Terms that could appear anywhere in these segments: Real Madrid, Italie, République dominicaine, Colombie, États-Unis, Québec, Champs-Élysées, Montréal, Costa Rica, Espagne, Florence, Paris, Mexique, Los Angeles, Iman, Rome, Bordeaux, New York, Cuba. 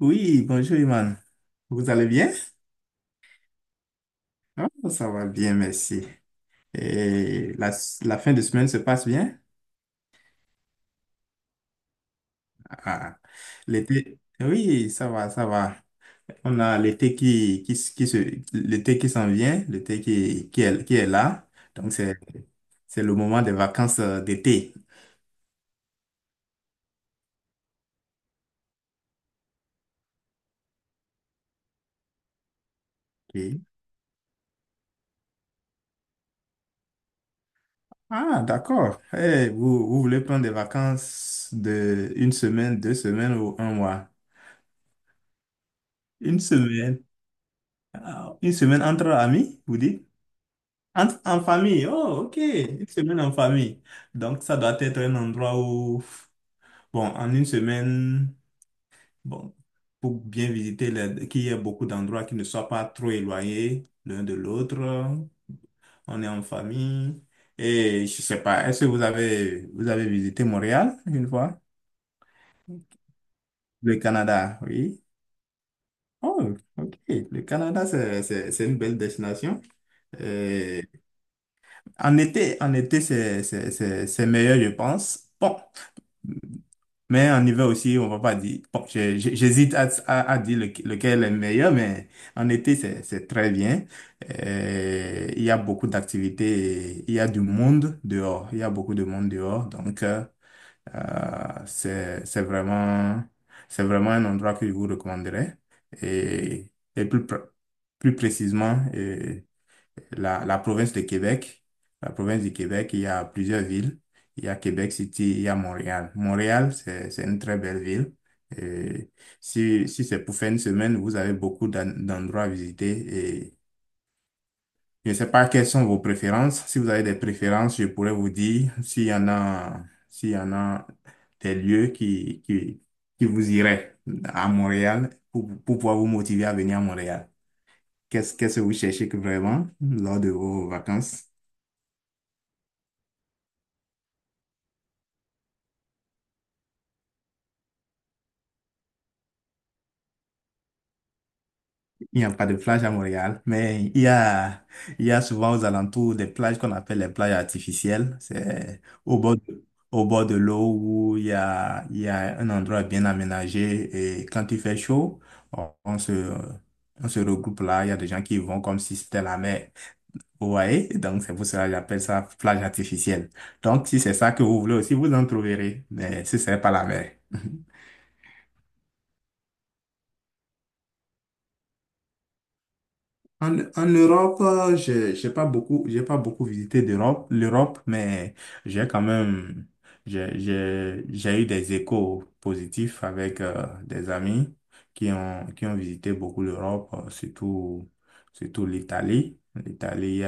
Oui, bonjour Iman. Vous allez bien? Ah, ça va bien, merci. Et la fin de semaine se passe bien? Ah, l'été, oui, ça va, ça va. On a l'été qui s'en vient, l'été qui est là. Donc, c'est le moment des vacances d'été. Ok. Ah, d'accord. Eh, vous voulez prendre des vacances de une semaine, deux semaines ou un mois? Une semaine. Ah, une semaine entre amis, vous dites? En famille, oh, ok, une semaine en famille. Donc, ça doit être un endroit où, bon, en une semaine, bon, pour bien visiter, qu'il y ait beaucoup d'endroits qui ne soient pas trop éloignés l'un de l'autre. On est en famille. Et je sais pas, est-ce que vous avez visité Montréal une fois? Le Canada, oui. Oh, ok. Le Canada, c'est une belle destination. Euh, en été, c'est meilleur, je pense. Bon. Mais en hiver aussi, on va pas dire. Bon, j'hésite à dire lequel est le meilleur, mais en été, c'est très bien. Il y a beaucoup d'activités, il y a du monde dehors, il y a beaucoup de monde dehors. Donc, euh, c'est, c'est vraiment, c'est vraiment un endroit que je vous recommanderais. Et, et plus précisément, la province de Québec. La province du Québec, il y a plusieurs villes. Il y a Québec City, il y a Montréal. Montréal, c'est une très belle ville. Et si c'est pour faire une semaine, vous avez beaucoup d'endroits à visiter. Et je ne sais pas quelles sont vos préférences. Si vous avez des préférences, je pourrais vous dire s'il y en a des lieux qui vous iraient à Montréal pour pouvoir vous motiver à venir à Montréal. Qu'est-ce que vous cherchez que vraiment lors de vos vacances? Il n'y a pas de plage à Montréal, mais il y a souvent aux alentours des plages qu'on appelle les plages artificielles. C'est au bord de l'eau où il y a un endroit bien aménagé et quand il fait chaud, on, on se, on se regroupe là. Il y a des gens qui vont comme si c'était la mer. Vous voyez? Donc c'est pour cela que j'appelle ça plage artificielle. Donc si c'est ça que vous voulez aussi, vous en trouverez, mais ce serait pas la mer. En Europe, j'ai pas beaucoup visité l'Europe, mais j'ai quand même, j'ai eu des échos positifs avec des amis qui ont visité beaucoup l'Europe, surtout l'Italie. L'Italie,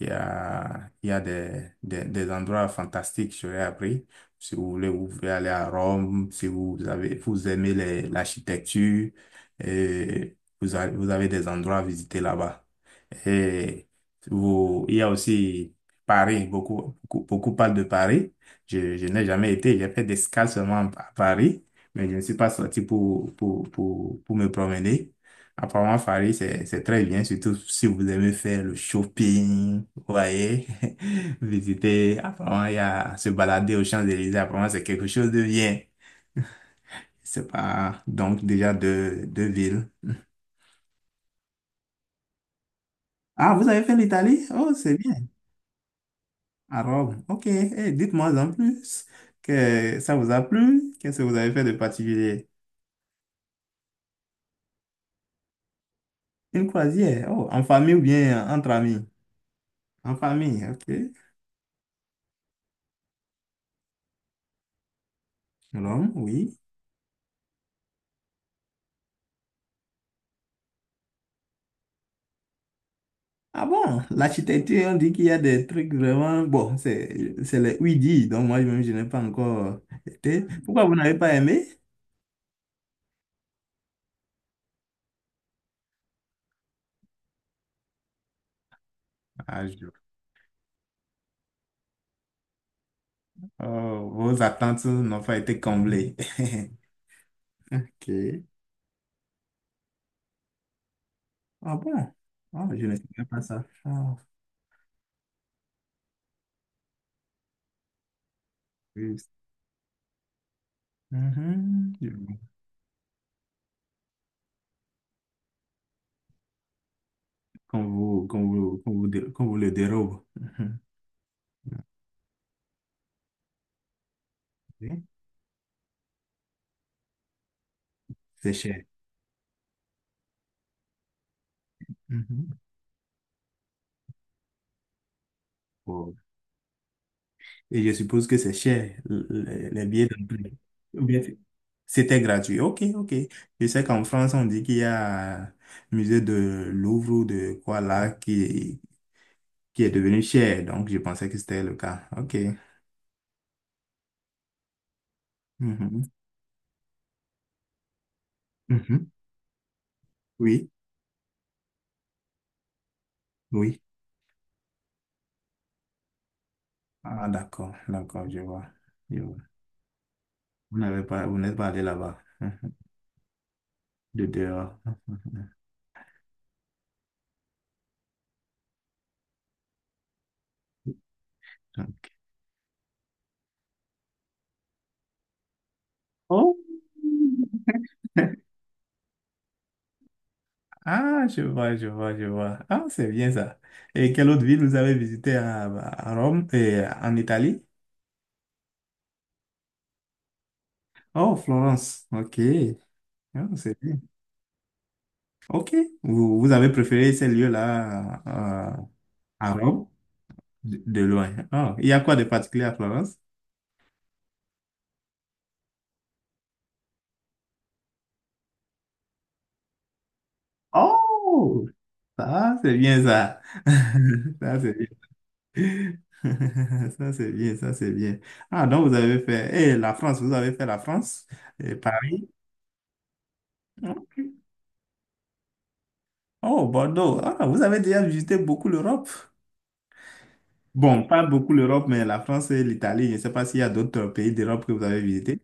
il y a des endroits fantastiques, j'aurais appris. Si vous voulez, vous pouvez aller à Rome, si vous avez, vous aimez l'architecture, et vous avez des endroits à visiter là-bas. Et vous, il y a aussi Paris, beaucoup parlent de Paris. Je n'ai jamais été, j'ai fait des escales seulement à Paris, mais je ne suis pas sorti pour me promener. Apparemment, Paris, c'est très bien, surtout si vous aimez faire le shopping, vous voyez, visiter, apparemment, il y a se balader aux Champs-Élysées, apparemment, c'est quelque chose de bien. C'est pas, donc, déjà deux villes. Ah, vous avez fait l'Italie? Oh, c'est bien. À Rome. Ok. Eh, dites-moi en plus que ça vous a plu. Qu'est-ce que vous avez fait de particulier? Une croisière. Oh, en famille ou bien entre amis? En famille, ok. Rome, oui. Ah bon, l'architecture, on dit qu'il y a des trucs vraiment. Bon, c'est les ouïdis, donc moi-même, je n'ai pas encore été. Pourquoi vous n'avez pas aimé? Ah, je- Oh, vos attentes n'ont pas été comblées. Ok. Ah bon? Ah, je ne savais pas ça. Ah. Oui, mhm. Qu'on vous le dérobe. Mhm. Oui. C'est cher. Mhm. Et je suppose que c'est cher, les billets d'avion. Ou bien c'est- C'était gratuit. Ok, ok. Je sais qu'en France, on dit qu'il y a un musée de Louvre ou de quoi là qui est devenu cher. Donc, je pensais que c'était le cas. Ok. Mhm. Mhm. Oui, oui. Ah, d'accord, d'accord, je vois. Je vois. Vous n'êtes pas allé là-bas. Mhm. De dehors. Mhm. Donc. Oh. Ah, je vois, je vois, je vois. Ah, c'est bien ça. Et quelle autre ville vous avez visité à Rome et en Italie? Oh, Florence. OK. Ah, c'est bien. OK. Vous avez préféré ces lieux-là à Rome de loin. Ah, il y a quoi de particulier à Florence? Oh, ça, c'est bien ça. Ça, c'est bien. Ça, c'est bien, ça, c'est bien. Ah, donc vous avez fait. Et la France, vous avez fait la France et Paris. Oh, Bordeaux. Ah, vous avez déjà visité beaucoup l'Europe. Bon, pas beaucoup l'Europe, mais la France et l'Italie. Je ne sais pas s'il y a d'autres pays d'Europe que vous avez visités.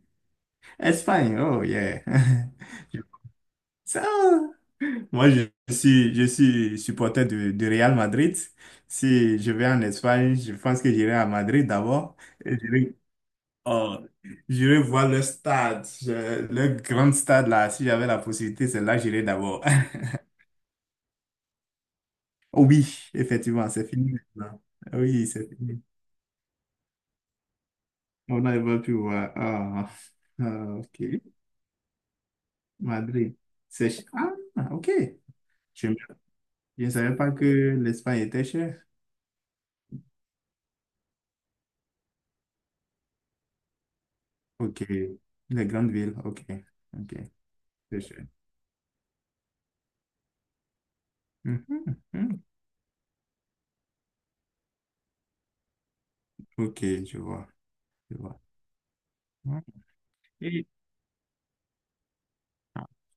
Espagne, oh yeah. Je- Ça, moi, je suis supporter du Real Madrid. Si je vais en Espagne, je pense que j'irai à Madrid d'abord. Et oh, j'irai voir le stade, le grand stade là. Si j'avais la possibilité, c'est là que j'irai d'abord. Oui, effectivement, c'est fini maintenant. Oui, c'est fini. On n'arrive plus voir. Ah, ah, ok. Madrid. C'est cher. Ah, ok. Je je ne savais pas que l'Espagne était chère. Ok. Les grandes villes. Ok. Ok. C'est cher. Mhm, mhm. Ok, je vois. Je vois. Ok,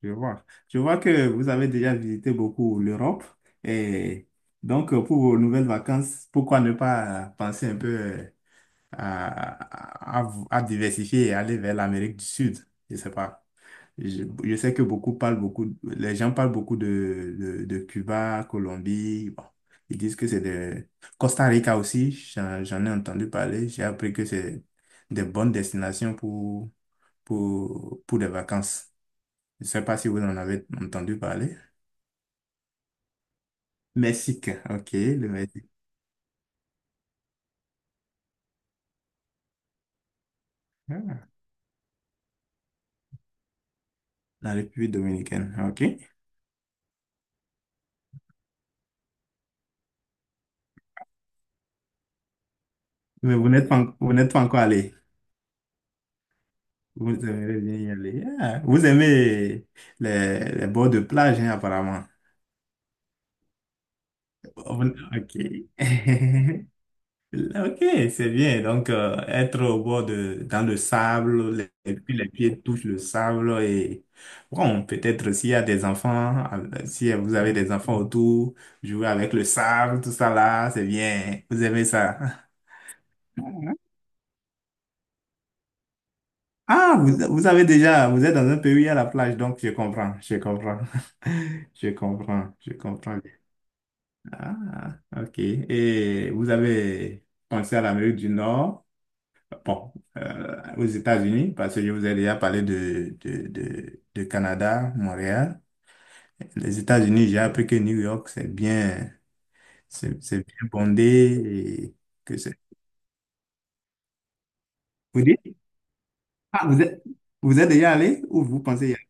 je vois. Je vois que vous avez déjà visité beaucoup l'Europe. Et donc, pour vos nouvelles vacances, pourquoi ne pas penser un peu à diversifier et aller vers l'Amérique du Sud? Je ne sais pas. Je sais que les gens parlent beaucoup de Cuba, Colombie. Bon, ils disent que c'est de Costa Rica aussi, j'en ai entendu parler. J'ai appris que c'est des bonnes destinations pour des vacances. Je ne sais pas si vous en avez entendu parler. Mexique, ok, le Mexique. Ah, la République dominicaine, ok. Mais vous n'êtes pas encore allé. Vous aimez bien y aller. Ah, vous aimez les bords de plage, hein, apparemment. Bon, ok. Ok, c'est bien. Donc, être au bord de, dans le sable, et puis les pieds touchent le sable et bon, peut-être s'il y a des enfants, si vous avez des enfants autour, jouer avec le sable, tout ça là, c'est bien. Vous aimez ça. Ah, vous êtes dans un pays à la plage, donc je comprends, je comprends. Je comprends, je comprends. Ah, ok. Et vous avez pensé à l'Amérique du Nord? Bon, aux États-Unis, parce que je vous ai déjà parlé de Canada, Montréal. Les États-Unis, j'ai appris que New York, c'est bien, c'est bien bondé et que c'est. Vous dites? Ah, vous êtes déjà allé ou vous pensez y aller?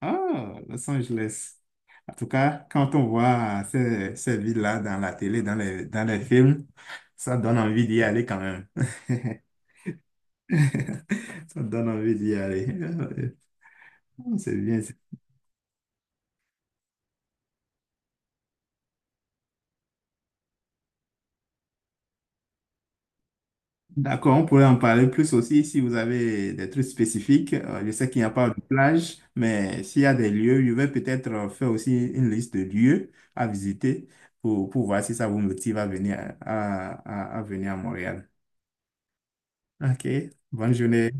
Ah, Los Angeles. En tout cas, quand on voit ces villes-là dans la télé, dans les films, ça donne envie d'y aller quand même. Ça donne envie d'y aller. Ah, c'est bien. D'accord, on pourrait en parler plus aussi si vous avez des trucs spécifiques. Je sais qu'il n'y a pas de plage, mais s'il y a des lieux, je vais peut-être faire aussi une liste de lieux à visiter pour voir si ça vous motive à venir à Montréal. OK, bonne journée.